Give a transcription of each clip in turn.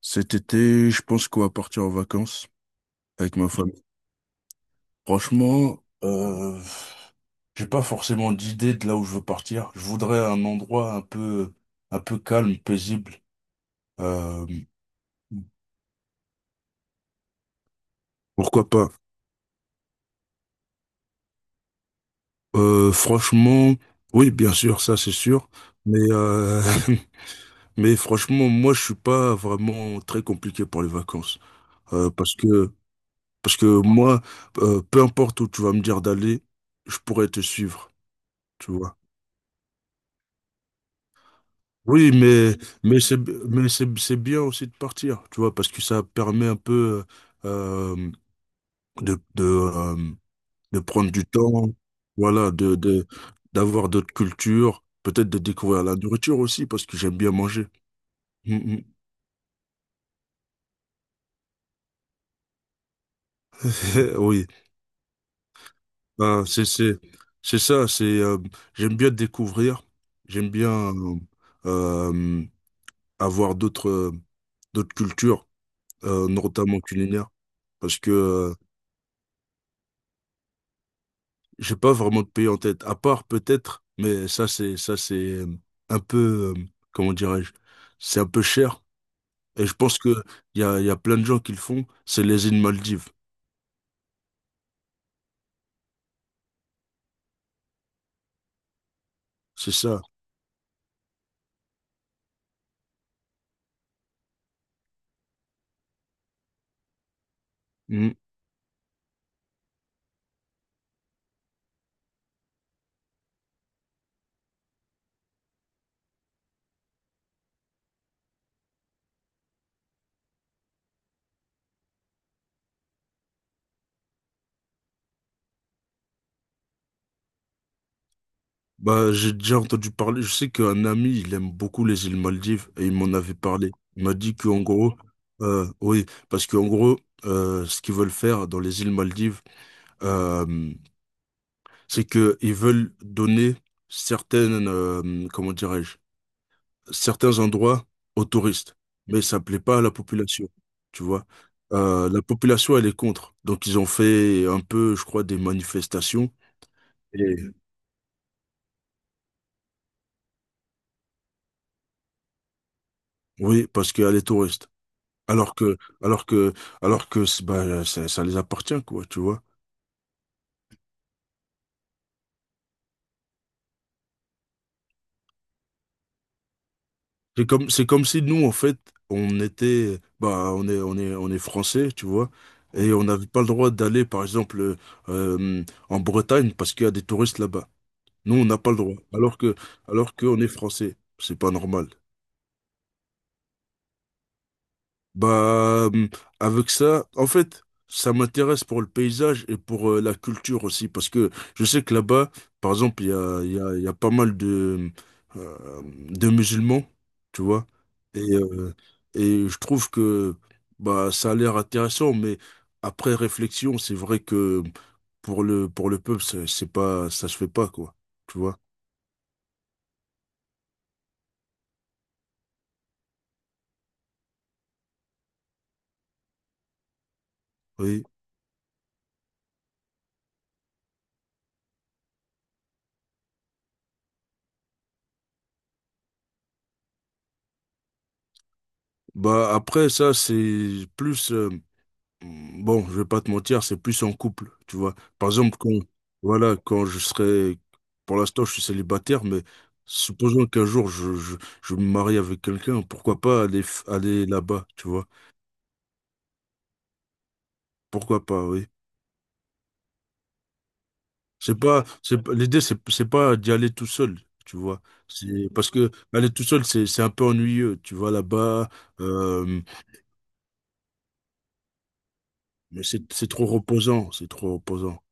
Cet été, je pense qu'on va partir en vacances avec ma famille. Franchement, j'ai pas forcément d'idée de là où je veux partir. Je voudrais un endroit un peu calme, paisible. Euh, pourquoi pas? Franchement, oui, bien sûr, ça c'est sûr. Mais mais franchement, moi je suis pas vraiment très compliqué pour les vacances. Euh, parce que parce que moi, peu importe où tu vas me dire d'aller, je pourrais te suivre. Tu vois. Oui, mais c'est, mais c'est bien aussi de partir, tu vois, parce que ça permet un peu euh, euh, de, de, euh, de prendre du temps, voilà, d'avoir d'autres cultures, peut-être de découvrir la nourriture aussi, parce que j'aime bien manger. Mm, mm. Oui. Ah, c'est ça, j'aime bien découvrir, j'aime bien euh, avoir d'autres d'autres cultures, notamment culinaires, parce que j'ai pas vraiment de pays en tête, à part peut-être, mais ça c'est un peu comment dirais-je, c'est un peu cher. Et je pense que il y a plein de gens qui le font. C'est les îles Maldives, c'est ça. Mm. Bah j'ai déjà entendu parler. Je sais qu'un ami il aime beaucoup les îles Maldives et il m'en avait parlé. Il m'a dit qu'en gros, oui, parce qu'en gros, ce qu'ils veulent faire dans les îles Maldives, euh, c'est que ils veulent donner certaines, comment dirais-je, certains endroits aux touristes, mais ça plaît pas à la population, tu vois. La population, elle est contre. Donc, ils ont fait un peu, je crois, des manifestations. Et... Oui, parce qu'elle est touriste. Alors que, alors que, alors que, bah, ça les appartient, quoi, tu vois. C'est comme si nous, en fait, on était, bah, on est français, tu vois. Et on n'avait pas le droit d'aller, par exemple, euh, en Bretagne parce qu'il y a des touristes là-bas. Nous, on n'a pas le droit. Alors qu'on est français. C'est pas normal. Bah, avec ça, en fait, ça m'intéresse pour le paysage et pour la culture aussi. Parce que je sais que là-bas, par exemple, il y a pas mal euh, de musulmans, tu vois. Et, euh, et je trouve que bah, ça a l'air intéressant, mais après réflexion, c'est vrai que pour le peuple, c'est pas, ça se fait pas, quoi. Tu vois. Oui. Bah après, ça c'est plus bon, je vais pas te mentir, c'est plus en couple, tu vois. Par exemple, quand, voilà, quand je serai... Pour l'instant, je suis célibataire, mais supposons qu'un jour je me marie avec quelqu'un, pourquoi pas aller aller là-bas, tu vois? Pourquoi pas, oui. C'est pas c'est pas- l'idée c'est pas d'y aller tout seul, tu vois. C'est parce que aller tout seul, c'est un peu ennuyeux. Tu vas là-bas, euh, mais c'est trop reposant, c'est trop reposant.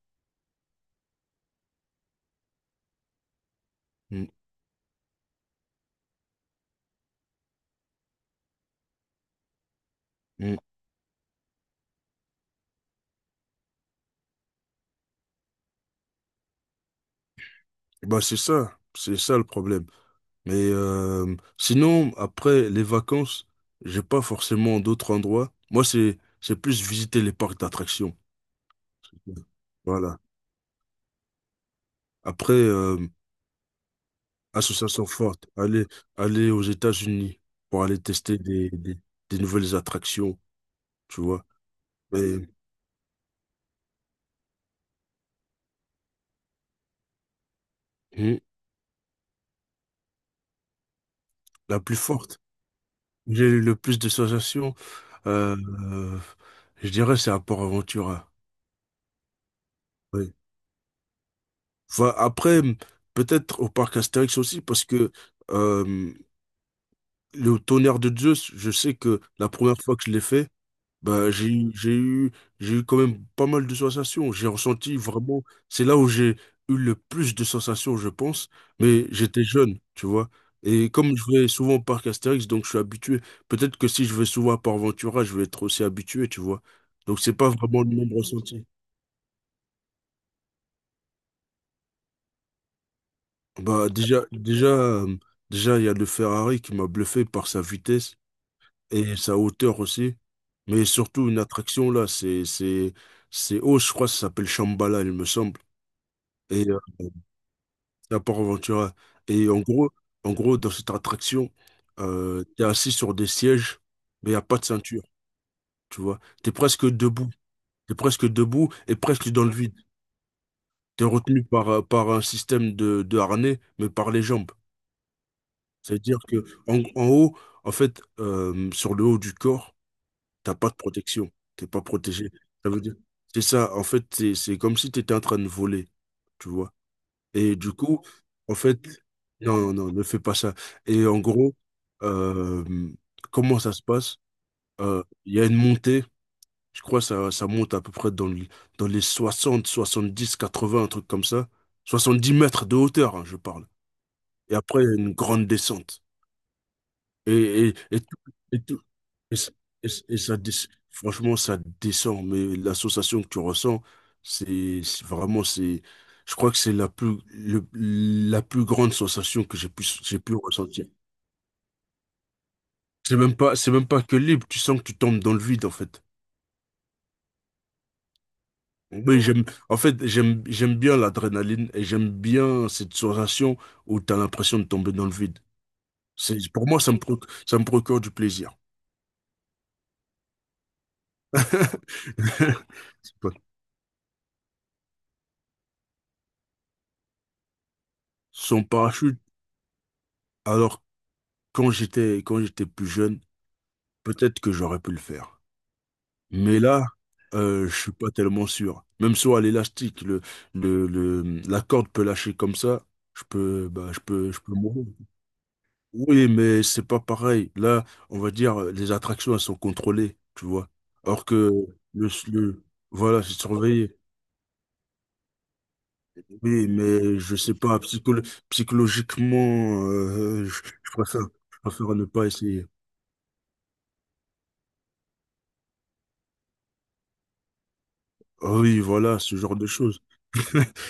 Mm. Bah, c'est ça le problème. Mais sinon, après les vacances, j'ai pas forcément d'autres endroits. Moi, c'est plus visiter les parcs d'attractions. Voilà. Après, association forte, aller aux États-Unis pour aller tester des nouvelles attractions, tu vois. Mais hmm, la plus forte, j'ai eu le plus de sensations, euh, euh, je dirais, c'est à Port-Aventura. Enfin, après, peut-être au parc Astérix aussi, parce que euh, le tonnerre de Zeus, je sais que la première fois que je l'ai fait, bah, j'ai eu quand même pas mal de sensations. J'ai ressenti vraiment, c'est là où j'ai eu le plus de sensations, je pense, mais j'étais jeune, tu vois. Et comme je vais souvent au parc Astérix, donc je suis habitué. Peut-être que si je vais souvent à Port Ventura, je vais être aussi habitué, tu vois. Donc c'est pas vraiment le même ressenti. Bah déjà, il y a le Ferrari qui m'a bluffé par sa vitesse et sa hauteur aussi. Mais surtout une attraction là, c'est haut, je crois, que ça s'appelle Shambhala, il me semble. Et c'est à Port Ventura. Et en gros, dans cette attraction, t'es assis sur des sièges, mais il n'y a pas de ceinture, tu vois. T'es presque debout. T'es presque debout et presque dans le vide. T'es retenu par, par un système de harnais, mais par les jambes. C'est-à-dire que en haut, en fait, sur le haut du corps, t'as pas de protection. T'es pas protégé. Ça veut dire, c'est ça. En fait, c'est comme si tu étais en train de voler, tu vois. Et du coup, en fait, non, non, non, ne fais pas ça. Et en gros, euh, comment ça se passe? Il y a une montée. Je crois que ça monte à peu près dans les soixante, 70, 80, un truc comme ça. 70 mètres de hauteur, hein, je parle. Et après, il y a une grande descente. Et, et, et tout, et tout, ça- et ça et ça dé- franchement, ça descend, mais l'association que tu ressens, c'est vraiment, c'est, je crois que c'est la plus grande sensation que j'ai pu ressentir. C'est même pas que libre, tu sens que tu tombes dans le vide, en fait. Oui, j'aime, en fait, j'aime bien l'adrénaline et j'aime bien cette sensation où tu as l'impression de tomber dans le vide. C'est, pour moi, ça me, ça me procure du plaisir. Son parachute, alors, quand j'étais plus jeune, peut-être que j'aurais pu le faire. Mais là, je suis pas tellement sûr. Même sur à l'élastique, le, le- la corde peut lâcher comme ça. Je peux, bah, je peux mourir. Oui, mais c'est pas pareil. Là, on va dire, les attractions, elles sont contrôlées, tu vois. Alors que le, le- voilà, c'est surveillé. Oui, mais je sais pas, psychologiquement, je préfère ne pas essayer. Ah oui, voilà, ce genre de choses.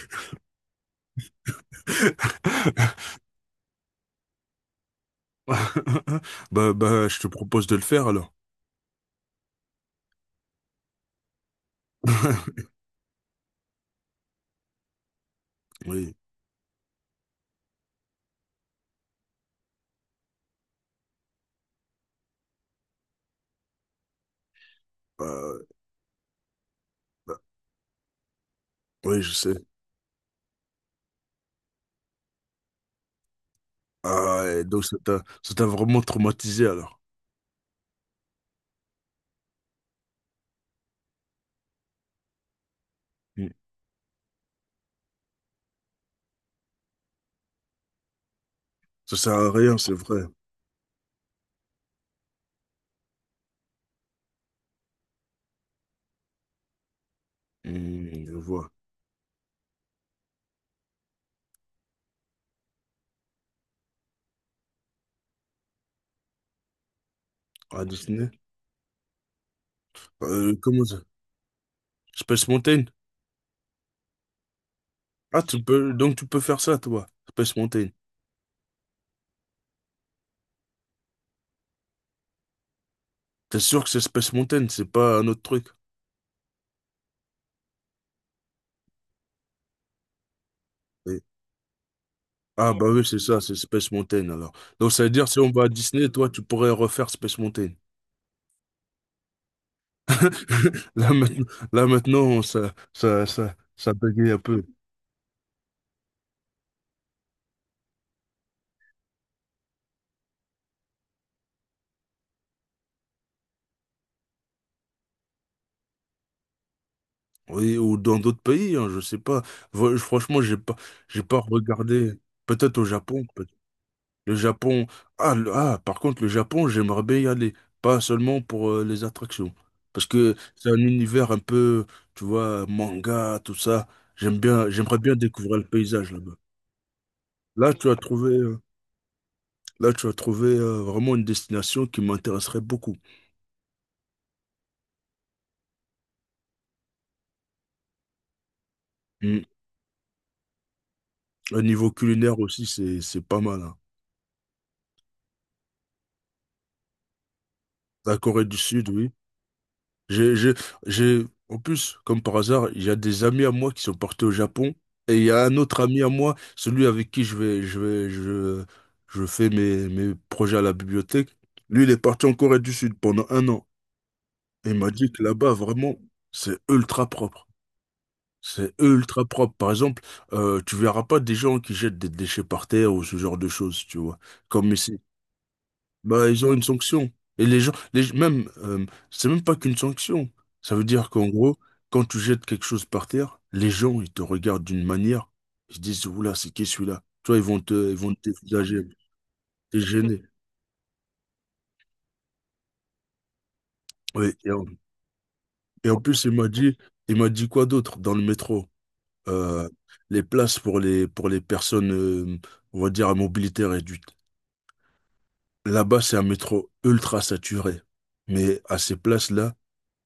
Bah, je te propose de le faire alors. Oui, bah, bah, oui, je sais. Ah, et donc ça t'a vraiment traumatisé alors. Mm. Ça sert à rien, c'est vrai. Mm, je vois. Ah, Disney? Comment ça? Space Mountain? Ah, tu peux, donc tu peux faire ça, toi. Space Mountain. T'es sûr que c'est Space Mountain, c'est pas un autre truc? Oui. Ah, bah oui, c'est ça, c'est Space Mountain alors. Donc ça veut dire si on va à Disney, toi, tu pourrais refaire Space Mountain. Là maintenant, là maintenant ça bagaye un peu. Oui, ou dans d'autres pays, hein, je sais pas. Vo- franchement, j'ai pas regardé. Peut-être au Japon. Peut- le Japon. Ah, par contre, le Japon, j'aimerais bien y aller. Pas seulement pour les attractions. Parce que c'est un univers un peu, tu vois, manga, tout ça. J'aime bien, j'aimerais bien découvrir le paysage là-bas. Là, tu as trouvé, euh, là, tu as trouvé vraiment une destination qui m'intéresserait beaucoup. Mm. Au niveau culinaire aussi, c'est pas mal, hein. La Corée du Sud, oui. J'ai, j'ai, j'ai, en plus, comme par hasard, il y a des amis à moi qui sont partis au Japon. Et il y a un autre ami à moi, celui avec qui je fais mes projets à la bibliothèque. Lui, il est parti en Corée du Sud pendant 1 an. Et il m'a dit que là-bas, vraiment, c'est ultra propre. C'est ultra propre. Par exemple, tu verras pas des gens qui jettent des déchets par terre ou ce genre de choses, tu vois. Comme ici. Bah, ils ont une sanction. Et les gens, c'est même pas qu'une sanction. Ça veut dire qu'en gros, quand tu jettes quelque chose par terre, les gens, ils te regardent d'une manière, ils se disent, oula, c'est qui celui-là? Tu vois, ils vont t'effusager, t'es gêné. Oui, et en plus, il m'a dit quoi d'autre dans le métro? Euh, les places pour pour les personnes, on va dire, à mobilité réduite. Là-bas, c'est un métro ultra saturé. Mais à ces places-là,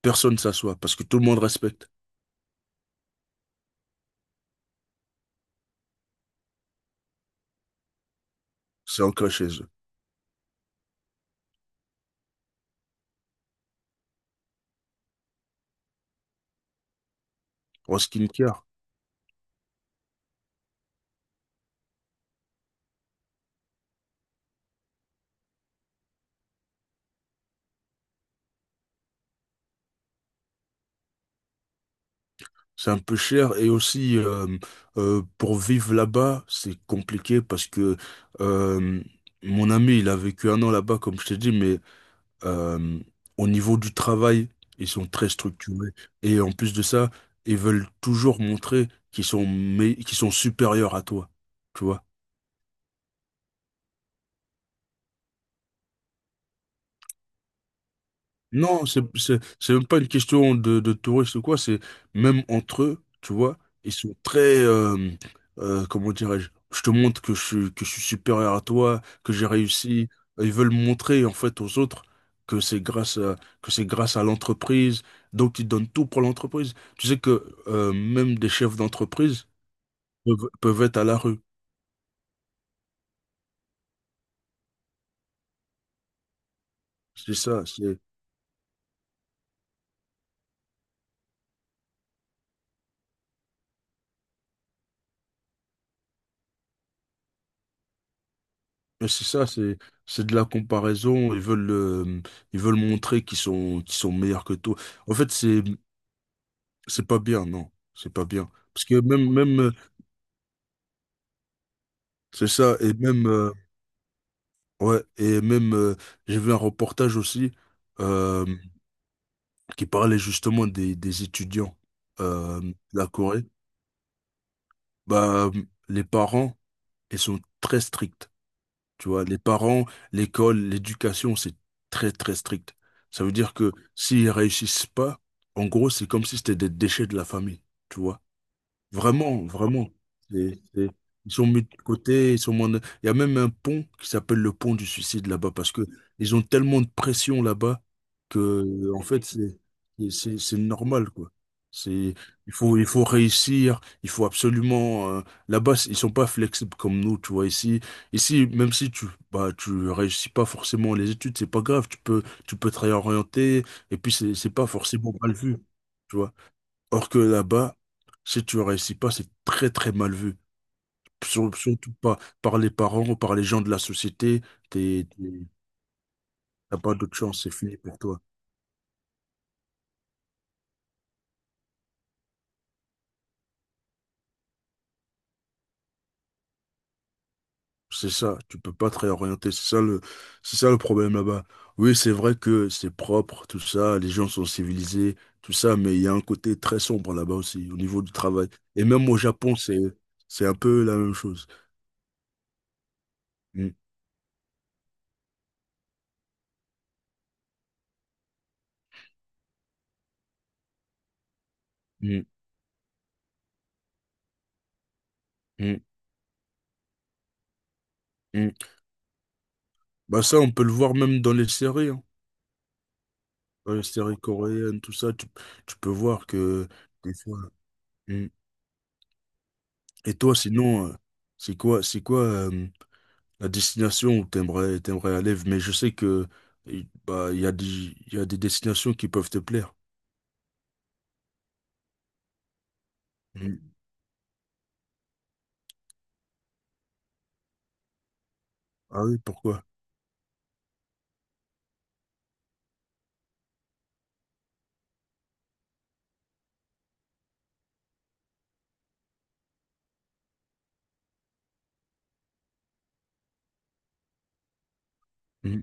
personne ne s'assoit parce que tout le monde respecte. C'est ancré chez eux. En skincare, c'est un peu cher et aussi pour vivre là-bas, c'est compliqué parce que euh, mon ami, il a vécu un an là-bas, comme je t'ai dit, mais euh, au niveau du travail, ils sont très structurés et en plus de ça, ils veulent toujours montrer qu'ils sont, qu'ils sont supérieurs à toi. Tu vois. Non, c'est même pas une question de touristes ou quoi, c'est même entre eux, tu vois, ils sont très, comment dirais-je, je te montre que que je suis supérieur à toi, que j'ai réussi. Ils veulent montrer, en fait, aux autres que que c'est grâce à l'entreprise, donc ils donnent tout pour l'entreprise. Tu sais que, même des chefs d'entreprise peuvent être à la rue. C'est ça. Mais c'est ça, c'est de la comparaison. Ils veulent montrer qu'ils sont meilleurs que toi. En fait, c'est pas bien, non, c'est pas bien. Parce que même c'est ça et même ouais et même j'ai vu un reportage aussi euh, qui parlait justement des étudiants de la Corée. Bah les parents ils sont très stricts. Tu vois, les parents, l'école, l'éducation, c'est très, très strict. Ça veut dire que s'ils réussissent pas, en gros, c'est comme si c'était des déchets de la famille. Tu vois. Vraiment, vraiment. C'est- c'est- Ils sont mis de côté, ils sont moins de- Il y a même un pont qui s'appelle le pont du suicide là-bas parce que ils ont tellement de pression là-bas que, en fait, c'est normal, quoi. C'est, il faut réussir, il faut absolument. Là-bas, ils sont pas flexibles comme nous, tu vois. Ici, même si tu réussis pas forcément les études, c'est pas grave. Tu peux te réorienter et puis c'est pas forcément mal vu, tu vois. Or que là-bas, si tu ne réussis pas, c'est très très mal vu. Surtout pas par les parents ou par les gens de la société. T'es, t'es- T'as pas d'autre chance, c'est fini pour toi. C'est ça, tu peux pas te réorienter. C'est ça le problème là-bas. Oui, c'est vrai que c'est propre, tout ça, les gens sont civilisés, tout ça, mais il y a un côté très sombre là-bas aussi, au niveau du travail. Et même au Japon, c'est un peu la même chose. Mm, mm, mm, mm. Bah ça, on peut le voir même dans les séries, hein. Dans les séries coréennes, tout ça, tu peux voir que des fois. Mm. Et toi, sinon, c'est quoi la destination où t'aimerais aller? Mais je sais que il bah, il y a des, il y a des destinations qui peuvent te plaire. Mm. Ah oui, pourquoi? Mm.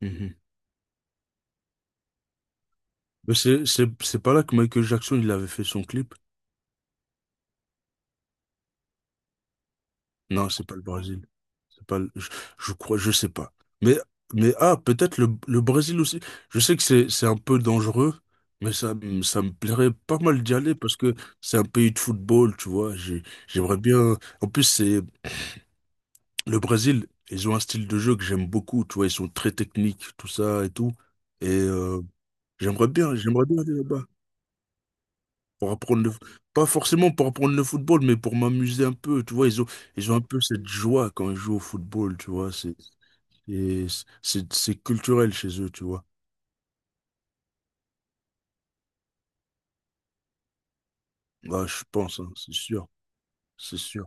Mhm. Mais c'est pas là que Michael Jackson il avait fait son clip? Non, c'est pas le Brésil. C'est pas, le- Je crois, je sais pas. Mais, mais ah, peut-être le Brésil aussi. Je sais que c'est un peu dangereux, mais ça, ça me plairait pas mal d'y aller parce que c'est un pays de football, tu vois. J'aimerais bien. En plus, c'est le Brésil, ils ont un style de jeu que j'aime beaucoup, tu vois. Ils sont très techniques, tout ça et tout. Et j'aimerais bien aller là-bas pour pas forcément pour apprendre le football, mais pour m'amuser un peu, tu vois. Ils ont un peu cette joie quand ils jouent au football, tu vois. Et c'est culturel chez eux, tu vois. Bah, je pense, hein, c'est sûr, c'est sûr.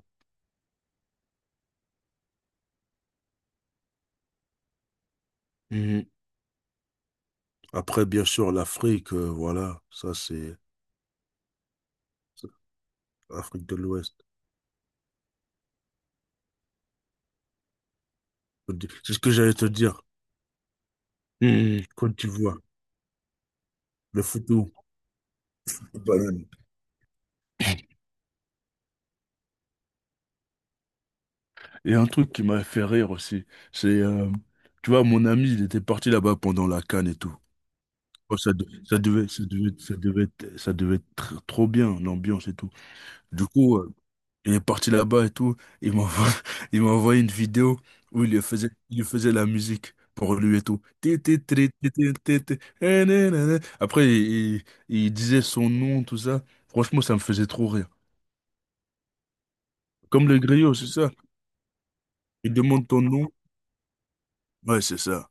Mhm. Après, bien sûr, l'Afrique, voilà, ça c'est Afrique de l'Ouest. C'est ce que j'allais te dire. Mhm. Côte d'Ivoire, le foutou, les bananes. Et un truc qui m'a fait rire aussi, c'est, tu vois, mon ami, il était parti là-bas pendant la CAN et tout. Oh, ça, ça devait ça devait être trop bien, l'ambiance et tout. Du coup, il est parti là-bas et tout. Il m'envoie, il m'a envoyé une vidéo où il lui faisait la musique pour lui et tout. Ti, ti, tri, ti, ti, ti, ti, eh, na, na, na. Après, il disait son nom, tout ça. Franchement, ça me faisait trop rire. Comme le griot, c'est ça. Il demande ton nom. Ouais, c'est ça.